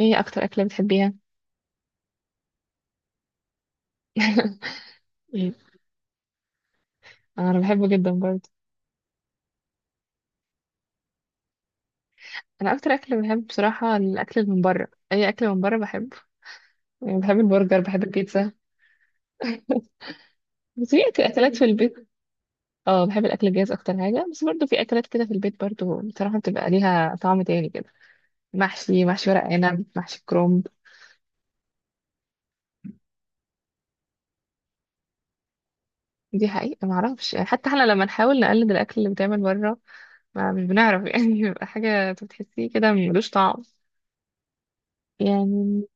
ايه اكتر اكلة بتحبيها؟ مم. انا بحبه جدا برضه. انا اكتر اكل بحب بصراحة، الاكل اللي من بره، اي اكل من بره بحبه، يعني بحب البرجر بحب البيتزا. بس في اكلات في البيت. اه بحب الاكل الجاهز اكتر حاجة، بس برضه في اكلات كده في البيت برضه بصراحة بتبقى ليها طعم تاني كده. محشي، محشي ورق عنب، محشي كرومب. دي حقيقة ما اعرفش يعني، حتى احنا لما نحاول نقلد الاكل اللي بيتعمل بره ما مش بنعرف يعني بيبقى حاجة بتحسيه كده ملوش طعم، يعني.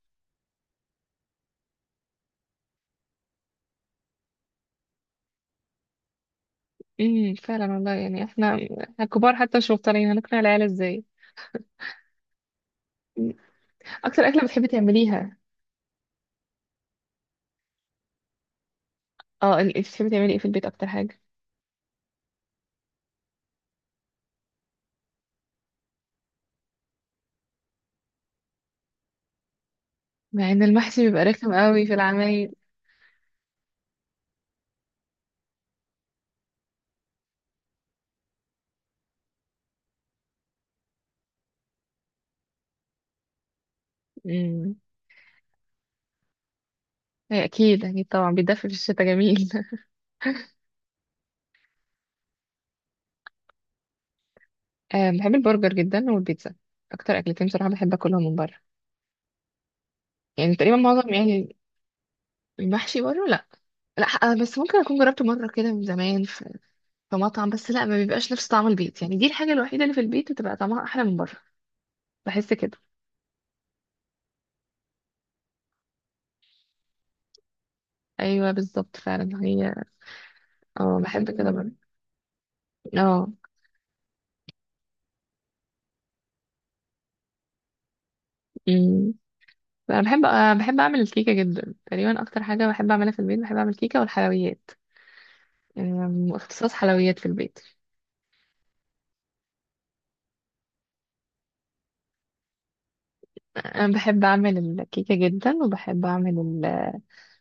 فعلا والله، يعني احنا كبار حتى مش مقتنعين، هنقنع العيال ازاي؟ مم. اكتر اكله بتحبي تعمليها؟ اه انت بتحبي تعملي ايه في البيت اكتر حاجه؟ مع ان المحشي بيبقى رخم قوي في العمايل. امم. هي اكيد اكيد طبعا بيتدفى في الشتاء جميل. آه بحب البرجر جدا والبيتزا، اكتر اكلتين بصراحه بحب اكلهم من بره، يعني تقريبا معظم يعني. المحشي بره لا. لا آه، بس ممكن اكون جربته مره كده من زمان في مطعم، بس لا ما بيبقاش نفس طعم البيت يعني، دي الحاجه الوحيده اللي في البيت بتبقى طعمها احلى من بره، بحس كده. ايوه بالظبط فعلا هي. اه بحب كده برضه. اه. أمم. انا بحب أنا بحب اعمل الكيكه جدا، تقريبا اكتر حاجه بحب اعملها في البيت بحب اعمل كيكه والحلويات. اختصاص حلويات في البيت. انا بحب اعمل الكيكه جدا وبحب اعمل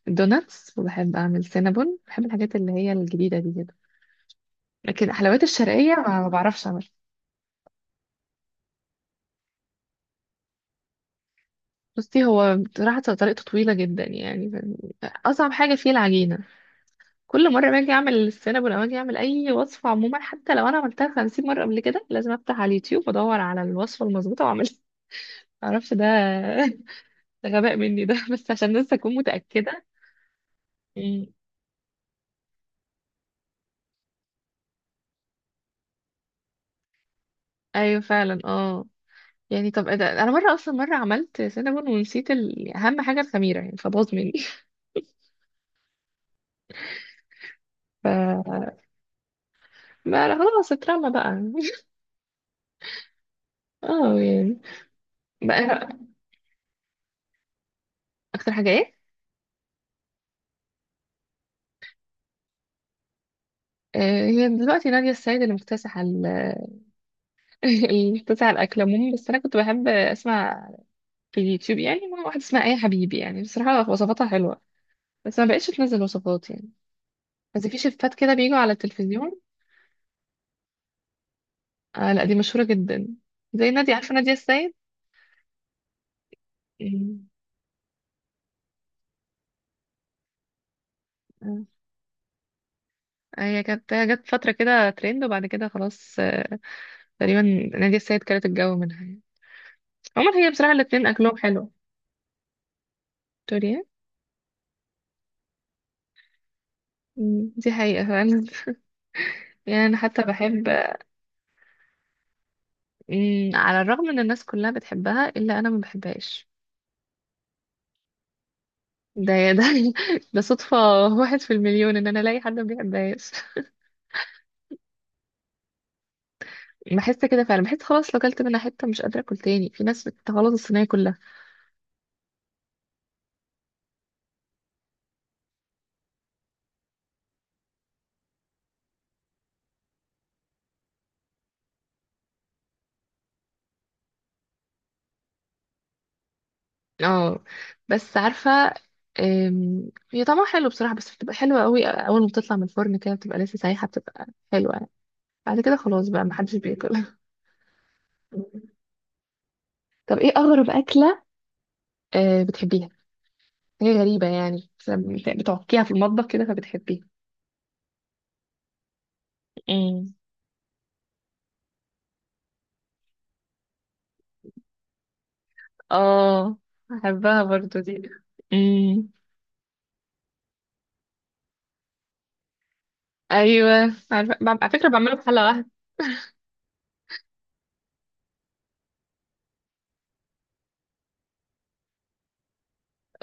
الدوناتس، وبحب اعمل سينابون، بحب الحاجات اللي هي الجديده دي كده. لكن الحلويات الشرقيه ما بعرفش اعمل. بصي هو بصراحه طريقته طويله جدا يعني، اصعب حاجه فيه العجينه. كل مرة باجي أعمل السينابون، ولا باجي أعمل أي وصفة عموما، حتى لو أنا عملتها 50 مرة قبل كده، لازم أفتح على اليوتيوب وأدور على الوصفة المظبوطة وأعملها. معرفش ده غباء مني ده. بس عشان لسه أكون متأكدة. مم. أيوة فعلا اه. يعني طب إيه ده، أنا مرة أصلا مرة عملت سينابون ونسيت أهم حاجة، الخميرة يعني، فباظ مني. ف ما أنا خلاص اترمى بقى. اه يعني. بقى أكتر حاجة إيه؟ آه، هي دلوقتي نادية السيد اللي مكتسحة اللي مكتسحة الأكل عموما، بس أنا كنت بحب أسمع في اليوتيوب يعني، مع واحدة اسمها آية حبيبي، يعني بصراحة وصفاتها حلوة بس ما بقتش تنزل وصفات يعني، بس في شيفات كده بيجوا على التلفزيون. آه لا دي مشهورة جدا، زي نادية، عارفة نادية السيد؟ مم. آه. هي جت فترة كده ترند، وبعد كده خلاص، تقريبا. نادية السيد كانت الجو منها يعني. عموما هي بصراحة الاتنين أكلهم حلو. توريا. دي حقيقة فعلا. يعني أنا حتى بحب. على الرغم إن الناس كلها بتحبها إلا أنا ما بحبهاش. ده ده صدفة، واحد في المليون ان انا الاقي حد ما بيحبهاش. بحس كده فعلا، بحس خلاص لو اكلت منها حتة مش قادرة اكل تاني، في ناس بتغلط الصينية كلها. اه بس عارفة، هي طعمها حلو بصراحة، بس بتبقى حلوة قوي اول ما بتطلع من الفرن كده بتبقى لسه سايحة، بتبقى حلوة يعني، بعد كده خلاص بقى محدش بياكل. طب ايه اغرب اكلة بتحبيها؟ هي غريبة يعني، بس بتعكيها في المطبخ كده فبتحبيها. امم. اه بحبها برضو دي. امم. ايوه عارفة، على فكره بعمله في حلقه واحده.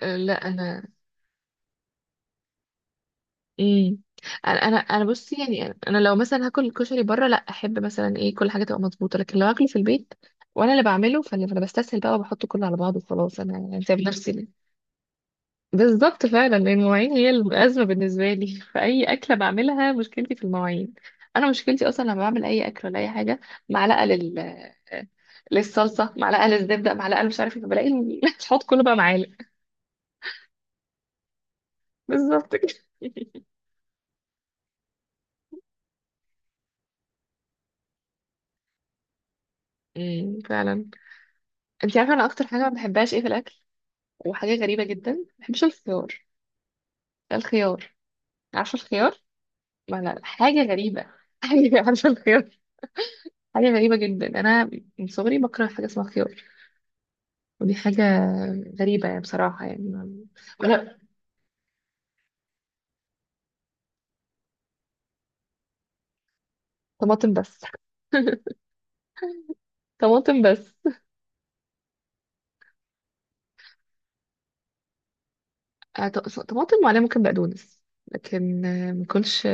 آه لا انا. امم. انا بصي يعني، انا لو مثلا هاكل الكشري بره لا احب، مثلا ايه كل حاجه تبقى مظبوطه، لكن لو هاكله في البيت وانا اللي بعمله فأنا بستسهل بقى وبحطه كله على بعضه وخلاص، انا يعني سايب نفسي ليه. بالظبط فعلا، لان المواعين هي الازمه بالنسبه لي. فاي اكله بعملها مشكلتي في المواعين، انا مشكلتي اصلا لما بعمل اي اكل ولا اي حاجه، معلقه للصلصه، معلقه للزبده، معلقه مش عارفه إيه، فبلاقي الحوض كله بقى معالق. بالظبط. فعلا. انت عارفه انا اكتر حاجه ما بحبهاش ايه في الاكل، وحاجه غريبه جدا، ما بحبش الخيار. ده الخيار، عارفه الخيار. ما لا حاجه غريبه حاجه، عارفه الخيار. حاجه غريبه جدا انا من صغري بكره حاجه اسمها خيار، ودي حاجه غريبه يعني بصراحه يعني ولا. طماطم بس. طماطم بس. طماطم وعليها ممكن بقدونس، لكن ما كلش.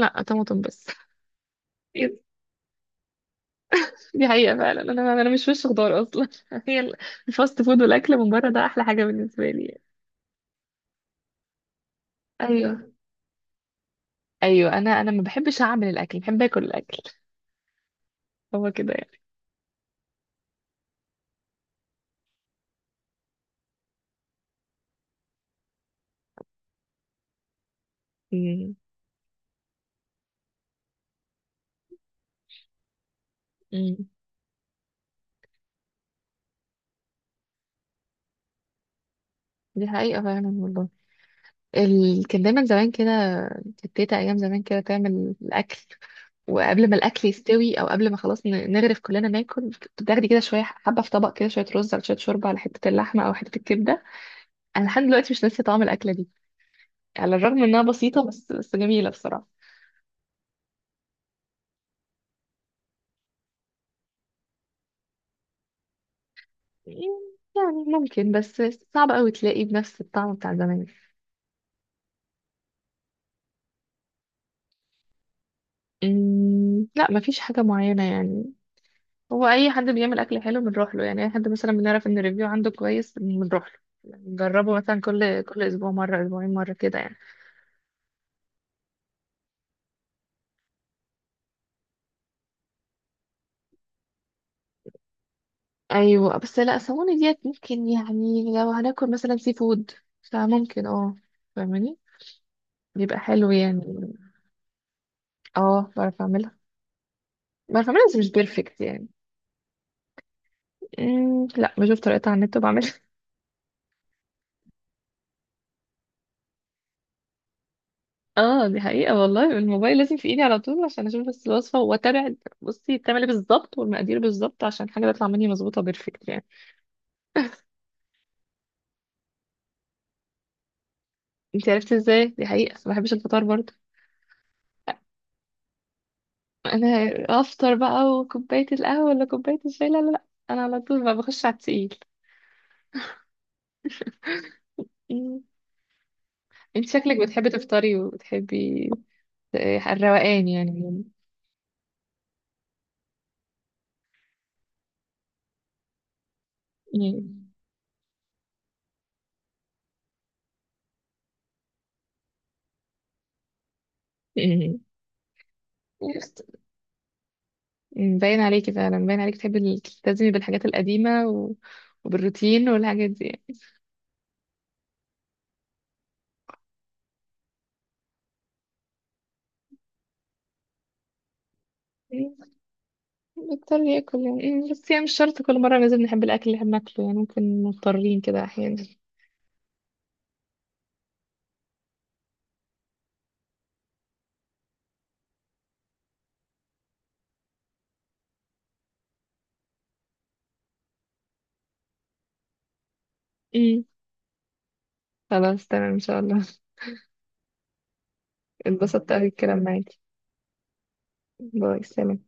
لا طماطم بس. دي حقيقة فعلا، انا مش وش خضار اصلا. هي الفاست فود والاكل من بره ده احلى حاجة بالنسبة لي يعني. ايوه. ايوه انا ما بحبش اعمل الاكل، بحب اكل الاكل، هو كده يعني. مم. مم. دي حقيقة فعلا والله. كان دايما زمان كده، كانت تيتا ايام زمان كده تعمل الاكل، وقبل ما الاكل يستوي او قبل ما خلاص نغرف كلنا ناكل، بتاخدي كده شويه حبه في طبق كده، شويه رز على شويه شوربه على حته اللحمه او حته الكبده. انا لحد دلوقتي مش ناسيه طعم الاكله دي، على الرغم انها بسيطه، بس جميله بصراحه. يعني ممكن، بس صعب قوي تلاقيه بنفس الطعم بتاع زمان. لا مفيش حاجة معينة يعني، هو أي حد بيعمل أكل حلو بنروح له يعني، أي حد مثلا بنعرف إن الريفيو عنده كويس بنروح له نجربه، مثلا كل أسبوع مرة، أسبوعين مرة، كده يعني. أيوة بس لا سووني ديت ممكن يعني، لو هناكل مثلا سي فود فممكن، اه فاهماني، بيبقى حلو يعني. اه بعرف أعملها. بعرف أعملها بس مش بيرفكت يعني. لا بشوف طريقتها على النت وبعملها. اه دي حقيقة والله، الموبايل لازم في ايدي على طول عشان اشوف بس الوصفة واتابع، بصي بتعمل ايه بالظبط والمقادير بالظبط عشان حاجة تطلع مني مظبوطة بيرفكت يعني. انت عرفتي ازاي؟ دي حقيقة ما بحبش الفطار برضه. انا افطر بقى وكوباية القهوة ولا كوباية الشاي؟ لا لا لا، انا على طول بقى بخش على التقيل. مم. انت شكلك بتحبي تفطري وبتحبي الروقان يعني. مم. مم. مم. باين عليكي فعلا، باين عليكي تحبي تلتزمي بالحاجات القديمة وبالروتين والحاجات دي يعني. بضطر ياكل يعني، بس يعني مش شرط كل مرة لازم نحب الأكل اللي احنا بناكله يعني، ممكن مضطرين كده أحيانا. أمم، خلاص تمام إن شاء الله. اتبسطت أوي الكلام معاكي. باي سلام.